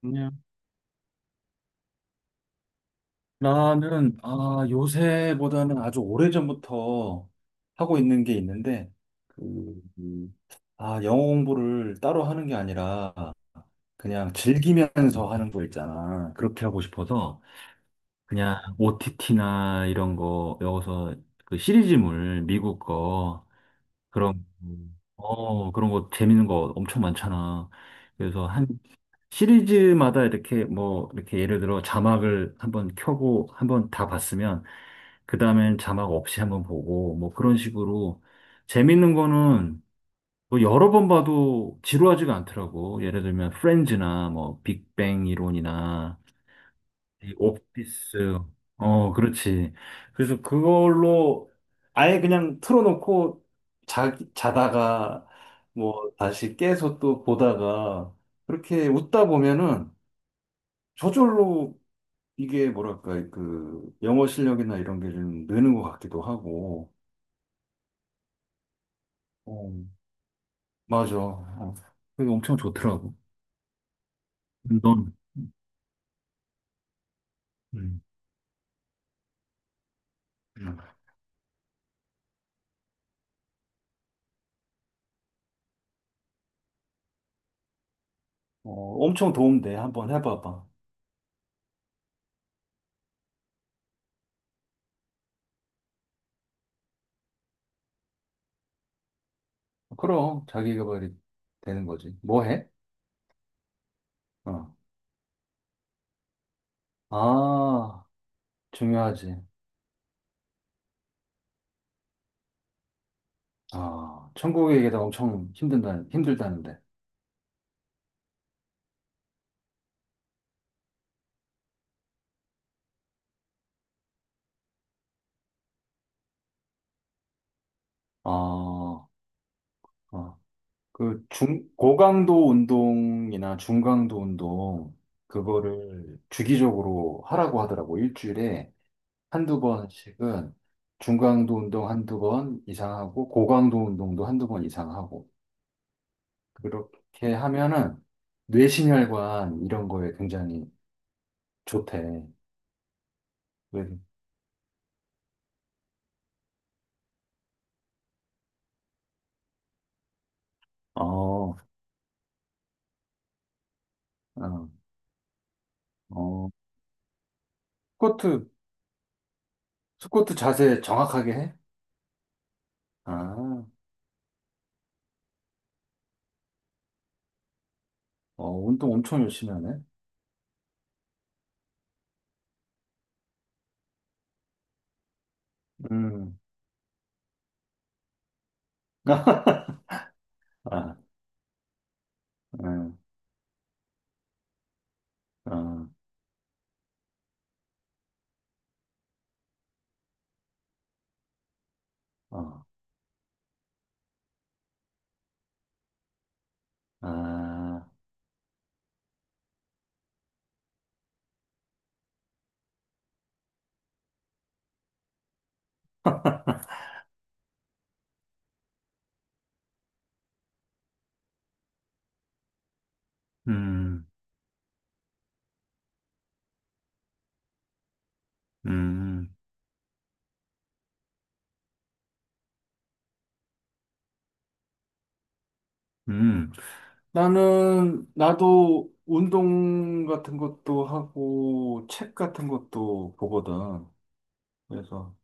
그냥 나는 요새보다는 아주 오래전부터 하고 있는 게 있는데 그, 음, 영어 공부를 따로 하는 게 아니라 그냥 즐기면서 하는 거 있잖아. 그렇게 하고 싶어서 그냥 OTT나 이런 거 여기서 그 시리즈물 미국 거 그런 거, 그런 거 재밌는 거 엄청 많잖아. 그래서 시리즈마다 이렇게 뭐 이렇게 예를 들어 자막을 한번 켜고 한번 다 봤으면 그 다음엔 자막 없이 한번 보고 뭐 그런 식으로 재밌는 거는 뭐 여러 번 봐도 지루하지가 않더라고. 예를 들면 프렌즈나 뭐 빅뱅 이론이나 이 오피스. 어 그렇지. 그래서 그걸로 아예 그냥 틀어놓고 자 자다가 뭐 다시 깨서 또 보다가 그렇게 웃다 보면은 저절로 이게 뭐랄까, 그, 영어 실력이나 이런 게 좀 느는 것 같기도 하고, 어, 맞아. 어, 그게 엄청 좋더라고. 넌, 음. 음. 어, 엄청 도움돼. 한번 해봐봐. 그럼, 자기계발이 되는 거지. 뭐 해? 어. 아, 중요하지. 아, 천국에계다 엄청 힘든다, 힘들다는데. 아, 어. 그 중, 고강도 운동이나 중강도 운동, 그거를 주기적으로 하라고 하더라고. 일주일에 한두 번씩은 중강도 운동 한두 번 이상 하고, 고강도 운동도 한두 번 이상 하고. 그렇게 하면은 뇌신혈관 이런 거에 굉장히 좋대. 그래서, 어, 어, 어. 스쿼트, 스쿼트 자세 정확하게 해? 아, 어, 운동 엄청 열심히 하네. 음. 아, 음. 어, 어, 아, 음, 음, 음, 나는, 나도 운동 같은 것도 하고, 책 같은 것도 보거든. 그래서,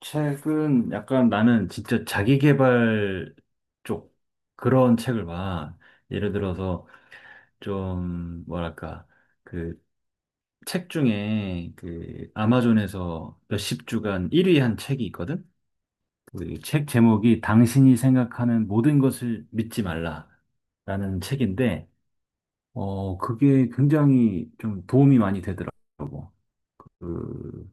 책은 약간 나는 진짜 자기개발 쪽 그런 책을 봐. 예를 들어서 좀 뭐랄까 그 책 중에 그 아마존에서 몇십 주간 1위 한 책이 있거든. 우리 책 제목이 당신이 생각하는 모든 것을 믿지 말라라는 책인데, 어, 그게 굉장히 좀 도움이 많이 되더라고. 그,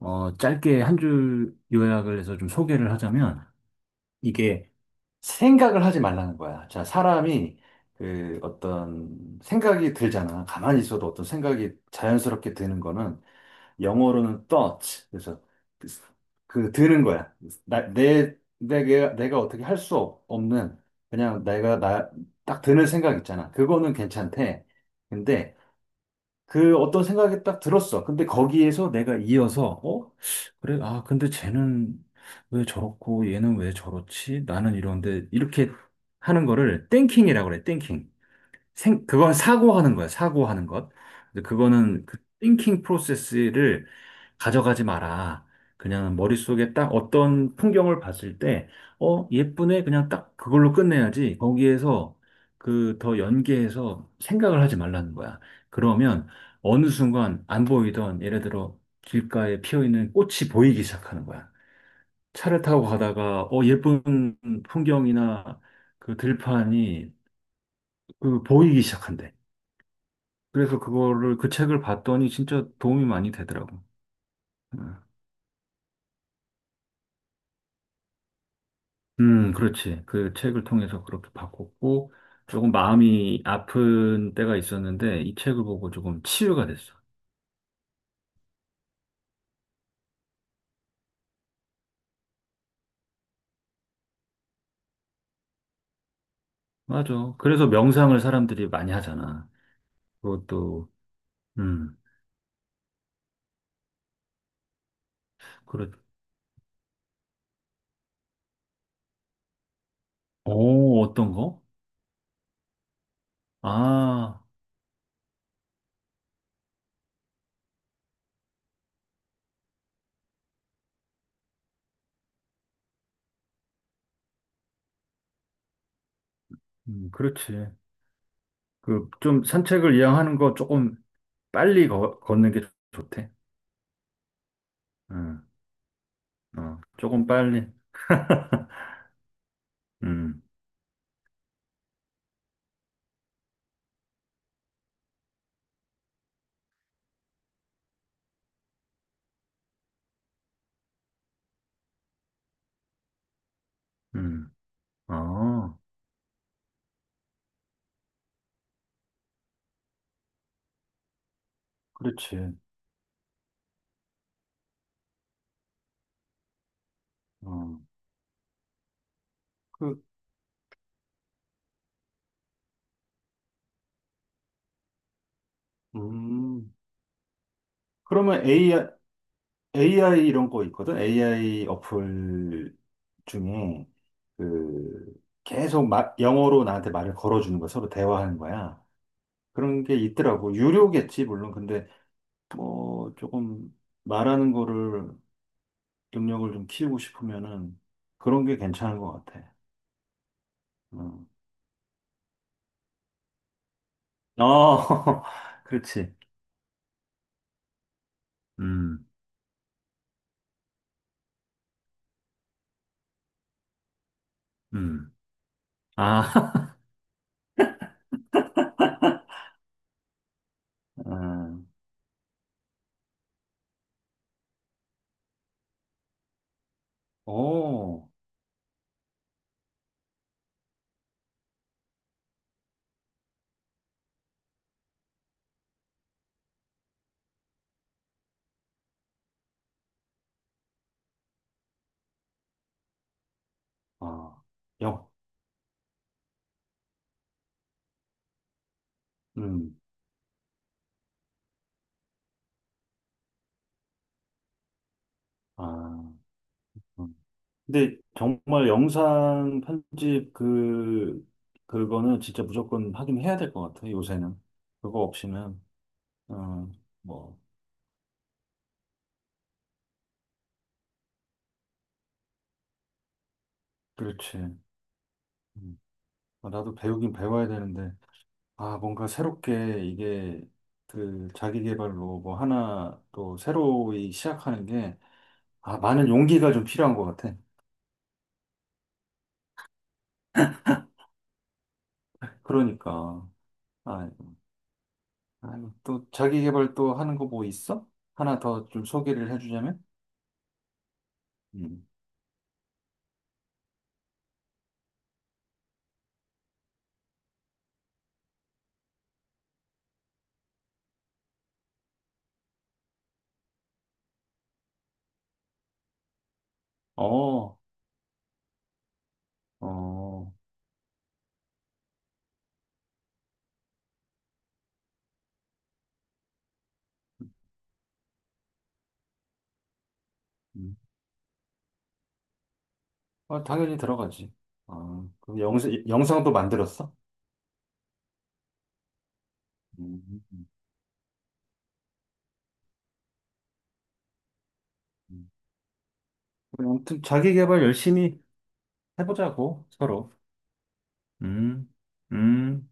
어, 짧게 한 줄 요약을 해서 좀 소개를 하자면, 이게 생각을 하지 말라는 거야. 자, 사람이 그 어떤 생각이 들잖아. 가만히 있어도 어떤 생각이 자연스럽게 드는 거는 영어로는 touch. 그래서 그, 그 드는 거야. 내가 어떻게 할 수 없는 그냥 내가 나, 딱 드는 생각 있잖아. 그거는 괜찮대. 근데 그 어떤 생각이 딱 들었어. 근데 거기에서 내가 이어서 어? 그래, 아, 근데 쟤는 왜 저렇고 얘는 왜 저렇지? 나는 이런데 이렇게 하는 거를 땡킹이라고 그래. 땡킹. 생, 그건 사고하는 거야, 사고하는 것. 근데 그거는 그 thinking process를 가져가지 마라. 그냥 머릿속에 딱 어떤 풍경을 봤을 때, 어, 예쁘네. 그냥 딱 그걸로 끝내야지. 거기에서 그 더 연계해서 생각을 하지 말라는 거야. 그러면 어느 순간 안 보이던, 예를 들어 길가에 피어 있는 꽃이 보이기 시작하는 거야. 차를 타고 가다가, 어, 예쁜 풍경이나 그 들판이 그 보이기 시작한대. 그래서 그거를 그 책을 봤더니 진짜 도움이 많이 되더라고. 음, 그렇지. 그 책을 통해서 그렇게 바꿨고 조금 마음이 아픈 때가 있었는데 이 책을 보고 조금 치유가 됐어. 맞아. 그래서 명상을 사람들이 많이 하잖아. 그것도 음, 그렇. 오, 어떤 거? 아, 그렇지. 그 좀 산책을 이왕하는 거 조금 빨리 거, 걷는 게 좋대. 음, 어, 조금 빨리. 음, 음, 아. 그렇지. 어. 그, 음. 그러면 AI 이런 거 있거든? AI 어플 중에, 그, 계속 마, 영어로 나한테 말을 걸어주는 거야. 서로 대화하는 거야. 그런 게 있더라고. 유료겠지, 물론. 근데, 뭐, 조금 말하는 거를, 능력을 좀 키우고 싶으면은, 그런 게 괜찮은 것 같아. 어, 어, 그렇지. 음, 음. 아, 음. 오. 아, 역, 음, 아, 음. 근데 정말 영상 편집 그, 그거는 진짜 무조건 하긴 해야 될 것 같아, 요새는. 그거 없이는, 어, 뭐, 그렇지. 음. 아, 나도 배우긴 배워야 되는데, 아, 뭔가 새롭게 이게 그 자기 개발로 뭐 하나 또 새로이 시작하는 게, 아, 많은 용기가 좀 필요한 것 같아. 그러니까. 아, 아유, 또 자기 개발 또 하는 거 뭐 있어? 하나 더 좀 소개를 해주자면? 음. 어, 어, 음. 아, 당연히 들어가지. 아, 그럼 영상, 영상도 만들었어? 음, 음, 음. 그럼 아무튼 자기 개발 열심히 해보자고, 서로. 음, 음.